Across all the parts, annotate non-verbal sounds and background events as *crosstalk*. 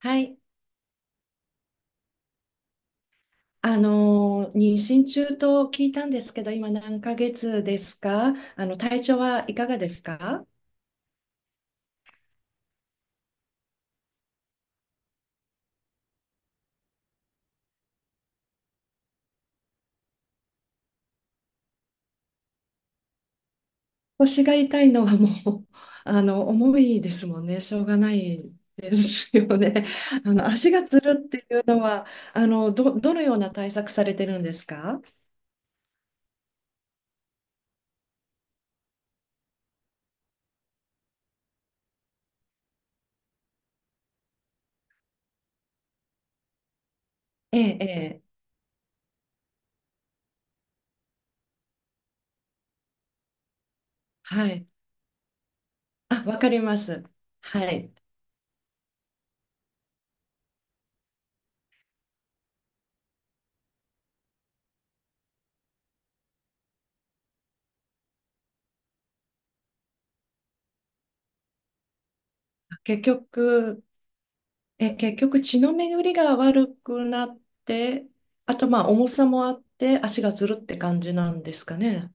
はい。妊娠中と聞いたんですけど、今何ヶ月ですか？あの、体調はいかがですか？腰が痛いのはう、*laughs* あの、重いですもんね。しょうがないですよね。*laughs* あの、足がつるっていうのは、あの、どのような対策されてるんですか？ええ、ええ、はい。あ、わかります。はい。結局、結局血の巡りが悪くなって、あとまあ重さもあって足がずるって感じなんですかね。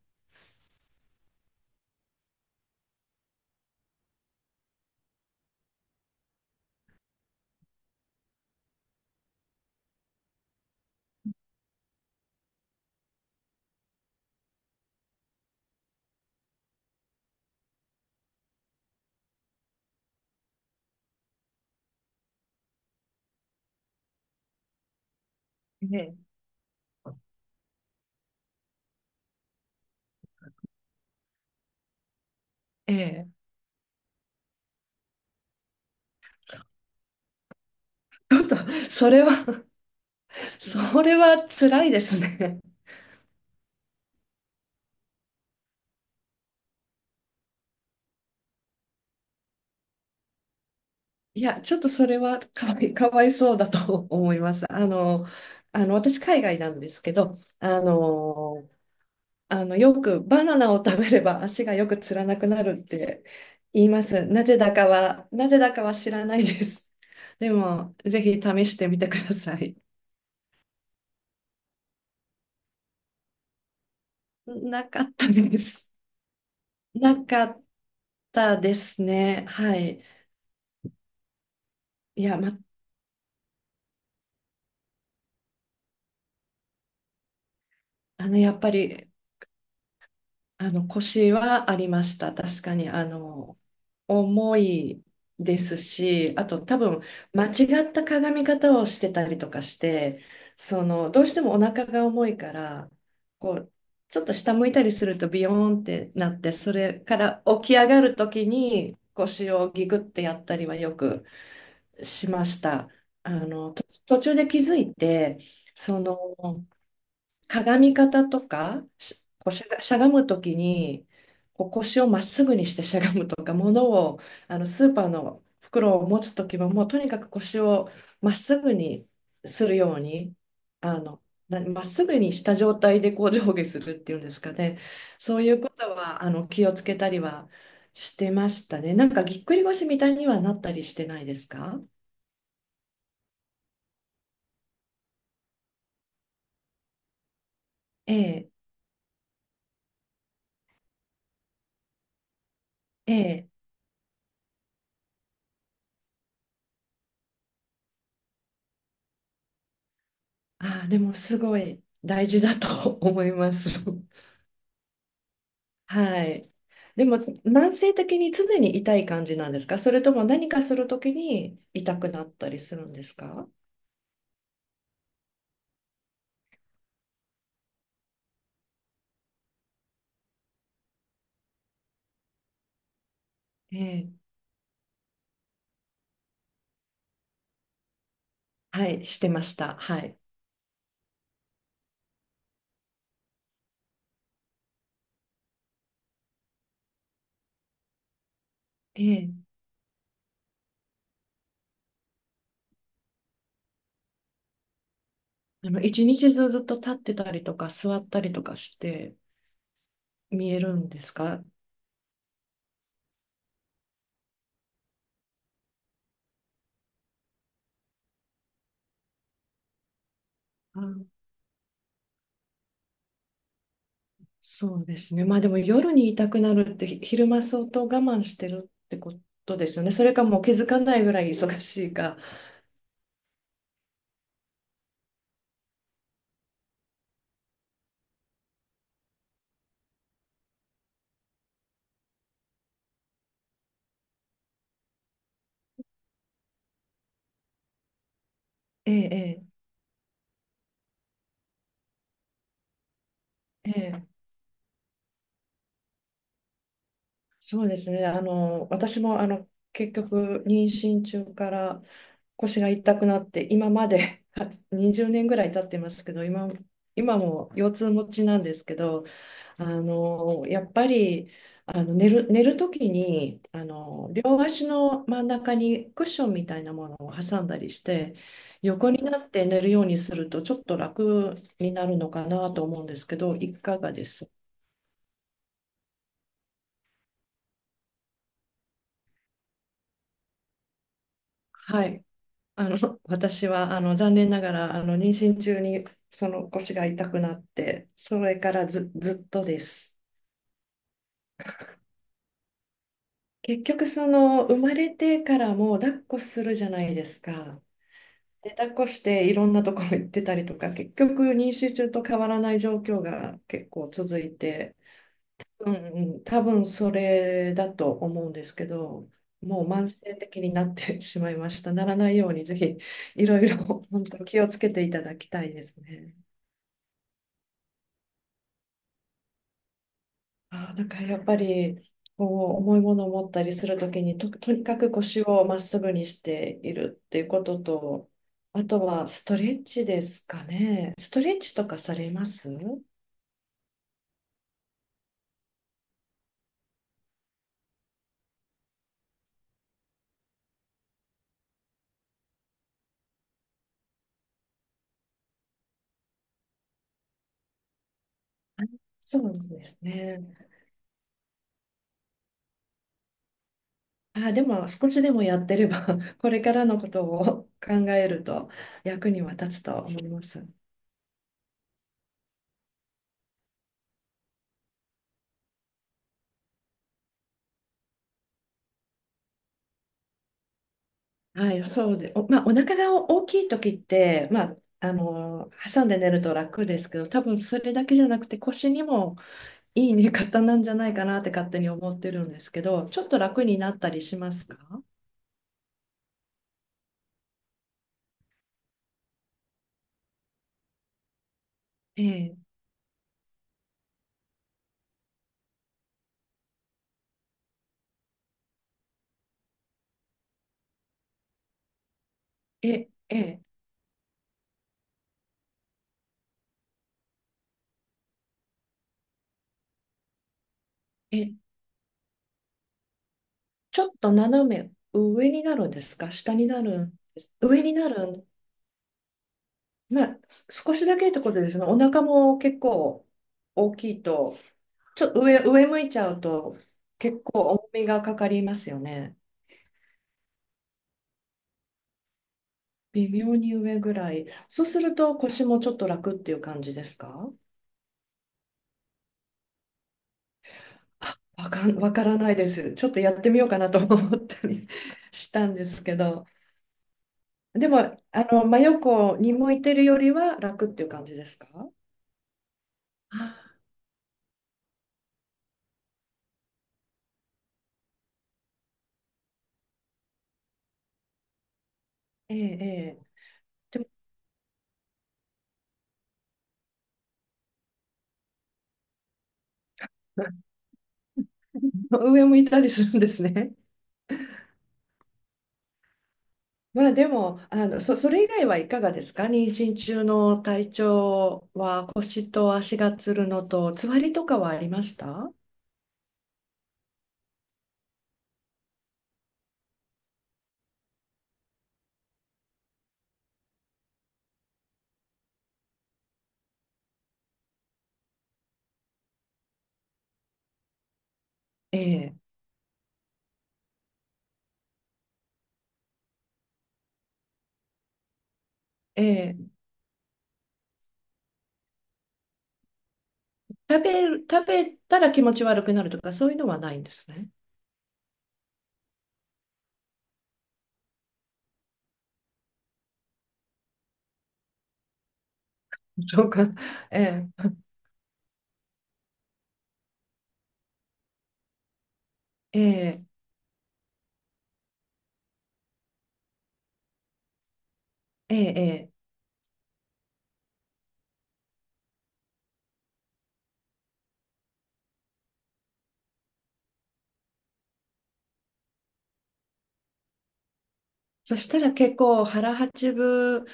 ええ。ええ。ちょっと、それは、それは辛いですね。いや、ちょっとそれはかわいそうだと思います。あの、あの、私、海外なんですけど、あの、あの、よくバナナを食べれば足がよくつらなくなるって言います。なぜだかは知らないです。*laughs* でも、ぜひ試してみてください。なかったです。なかったですね。はい。いや、ま、あの、やっぱりあの、腰はありました。確かに、あの、重いですし、あと多分、間違った鏡み方をしてたりとかして、その、どうしてもお腹が重いから、こう、ちょっと下向いたりするとビヨーンってなって、それから起き上がるときに腰をギグってやったりはよくしました。あの、と途中で気づいて、その、鏡み方とか、しこうしゃが、しゃがむときに、こう腰をまっすぐにしてしゃがむとか、物を、あのスーパーの袋を持つときは、もうとにかく腰をまっすぐにするように、あの、なまっすぐにした状態でこう上下するっていうんですかね。そういうことは、あの、気をつけたりはしてましたね。なんかぎっくり腰みたいにはなったりしてないですか？ええ、ええ。ああ、でもすごい大事だと思います。はい。でも、慢性的に常に痛い感じなんですか？それとも何かするときに痛くなったりするんですか？ええ、はい、してました。はい。ええ、あの、一日中ずっと立ってたりとか、座ったりとかして見えるんですか？あ、そうですね。まあでも夜に痛くなるってひ昼間相当我慢してるってことですよね。それかもう気づかないぐらい忙しいか。ええ、ええ、ええ、そうですね。あの、私もあの結局、妊娠中から腰が痛くなって、今まで *laughs* 20年ぐらい経ってますけど、今、今も腰痛持ちなんですけど、あのやっぱりあの寝る時にあの両足の真ん中にクッションみたいなものを挟んだりして、横になって寝るようにすると、ちょっと楽になるのかなと思うんですけど、いかがです？はい。あの、*laughs* 私は、あの、残念ながら、あの、妊娠中に、その腰が痛くなって、それからず、ずっとです。結局、その、生まれてからも、抱っこするじゃないですか。で、抱っこして、いろんなところ行ってたりとか、結局、妊娠中と変わらない状況が結構続いて、うんうん、多分それだと思うんですけど、もう慢性的になってしまいました。ならないように、ぜひ、いろいろ、本当気をつけていただきたいですね。あー、なんかやっぱりこう重いものを持ったりするときにとにかく腰をまっすぐにしているっていうことと、あとはストレッチですかね。ストレッチとかされます？そうですね。あでも少しでもやってれば *laughs* これからのことを考えると役には立つと思います。はい、そうで、お、まあ、お腹が大きい時って、まあ、あの挟んで寝ると楽ですけど、多分それだけじゃなくて腰にもいい寝方なんじゃないかなって勝手に思ってるんですけど、ちょっと楽になったりしますか？ええ、ええ、ええ、ちょっと斜め上になるんですか？下になるんです？上になるん、まあ、す少しだけってことですね。お腹も結構大きいと、ちょっと上、上向いちゃうと結構重みがかかりますよね。微妙に上ぐらい。そうすると腰もちょっと楽っていう感じですか？わからないです。ちょっとやってみようかなと思ったり *laughs* したんですけど、でも、あの、真横に向いてるよりは楽っていう感じですか？あ、ええ、ええ。でも、*laughs* 上向いたりするんですね。まあでも、あの、それ以外はいかがですか？妊娠中の体調は腰と足がつるのと、つわりとかはありました？ええ、ええ。食べる、食べたら気持ち悪くなるとか、そういうのはないんですね。そうか。*laughs* ええ、ええ、ええ、ええ、そしたら結構腹八分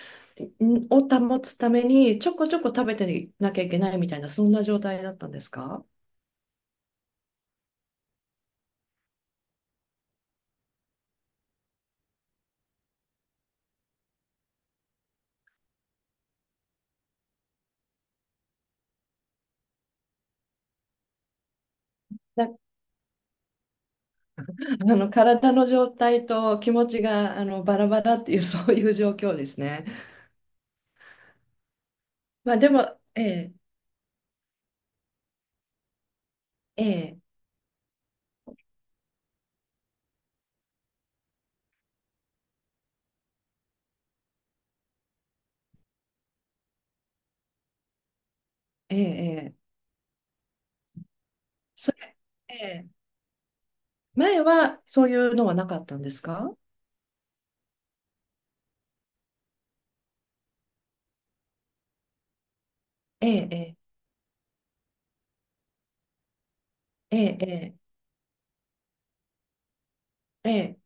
を保つためにちょこちょこ食べてなきゃいけないみたいな、そんな状態だったんですか？ *laughs* なあの体の状態と気持ちがあのバラバラっていうそういう状況ですね。まあでも、ええ、ええ、ええ、ええ。それ、ええ。前はそういうのはなかったんですか？ええ、ええ、ええ、ええ、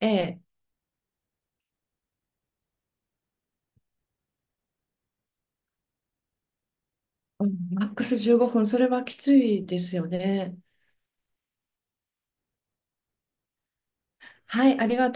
ええ。うん、マックス15分、それはきついですよね。はい、ありがとう。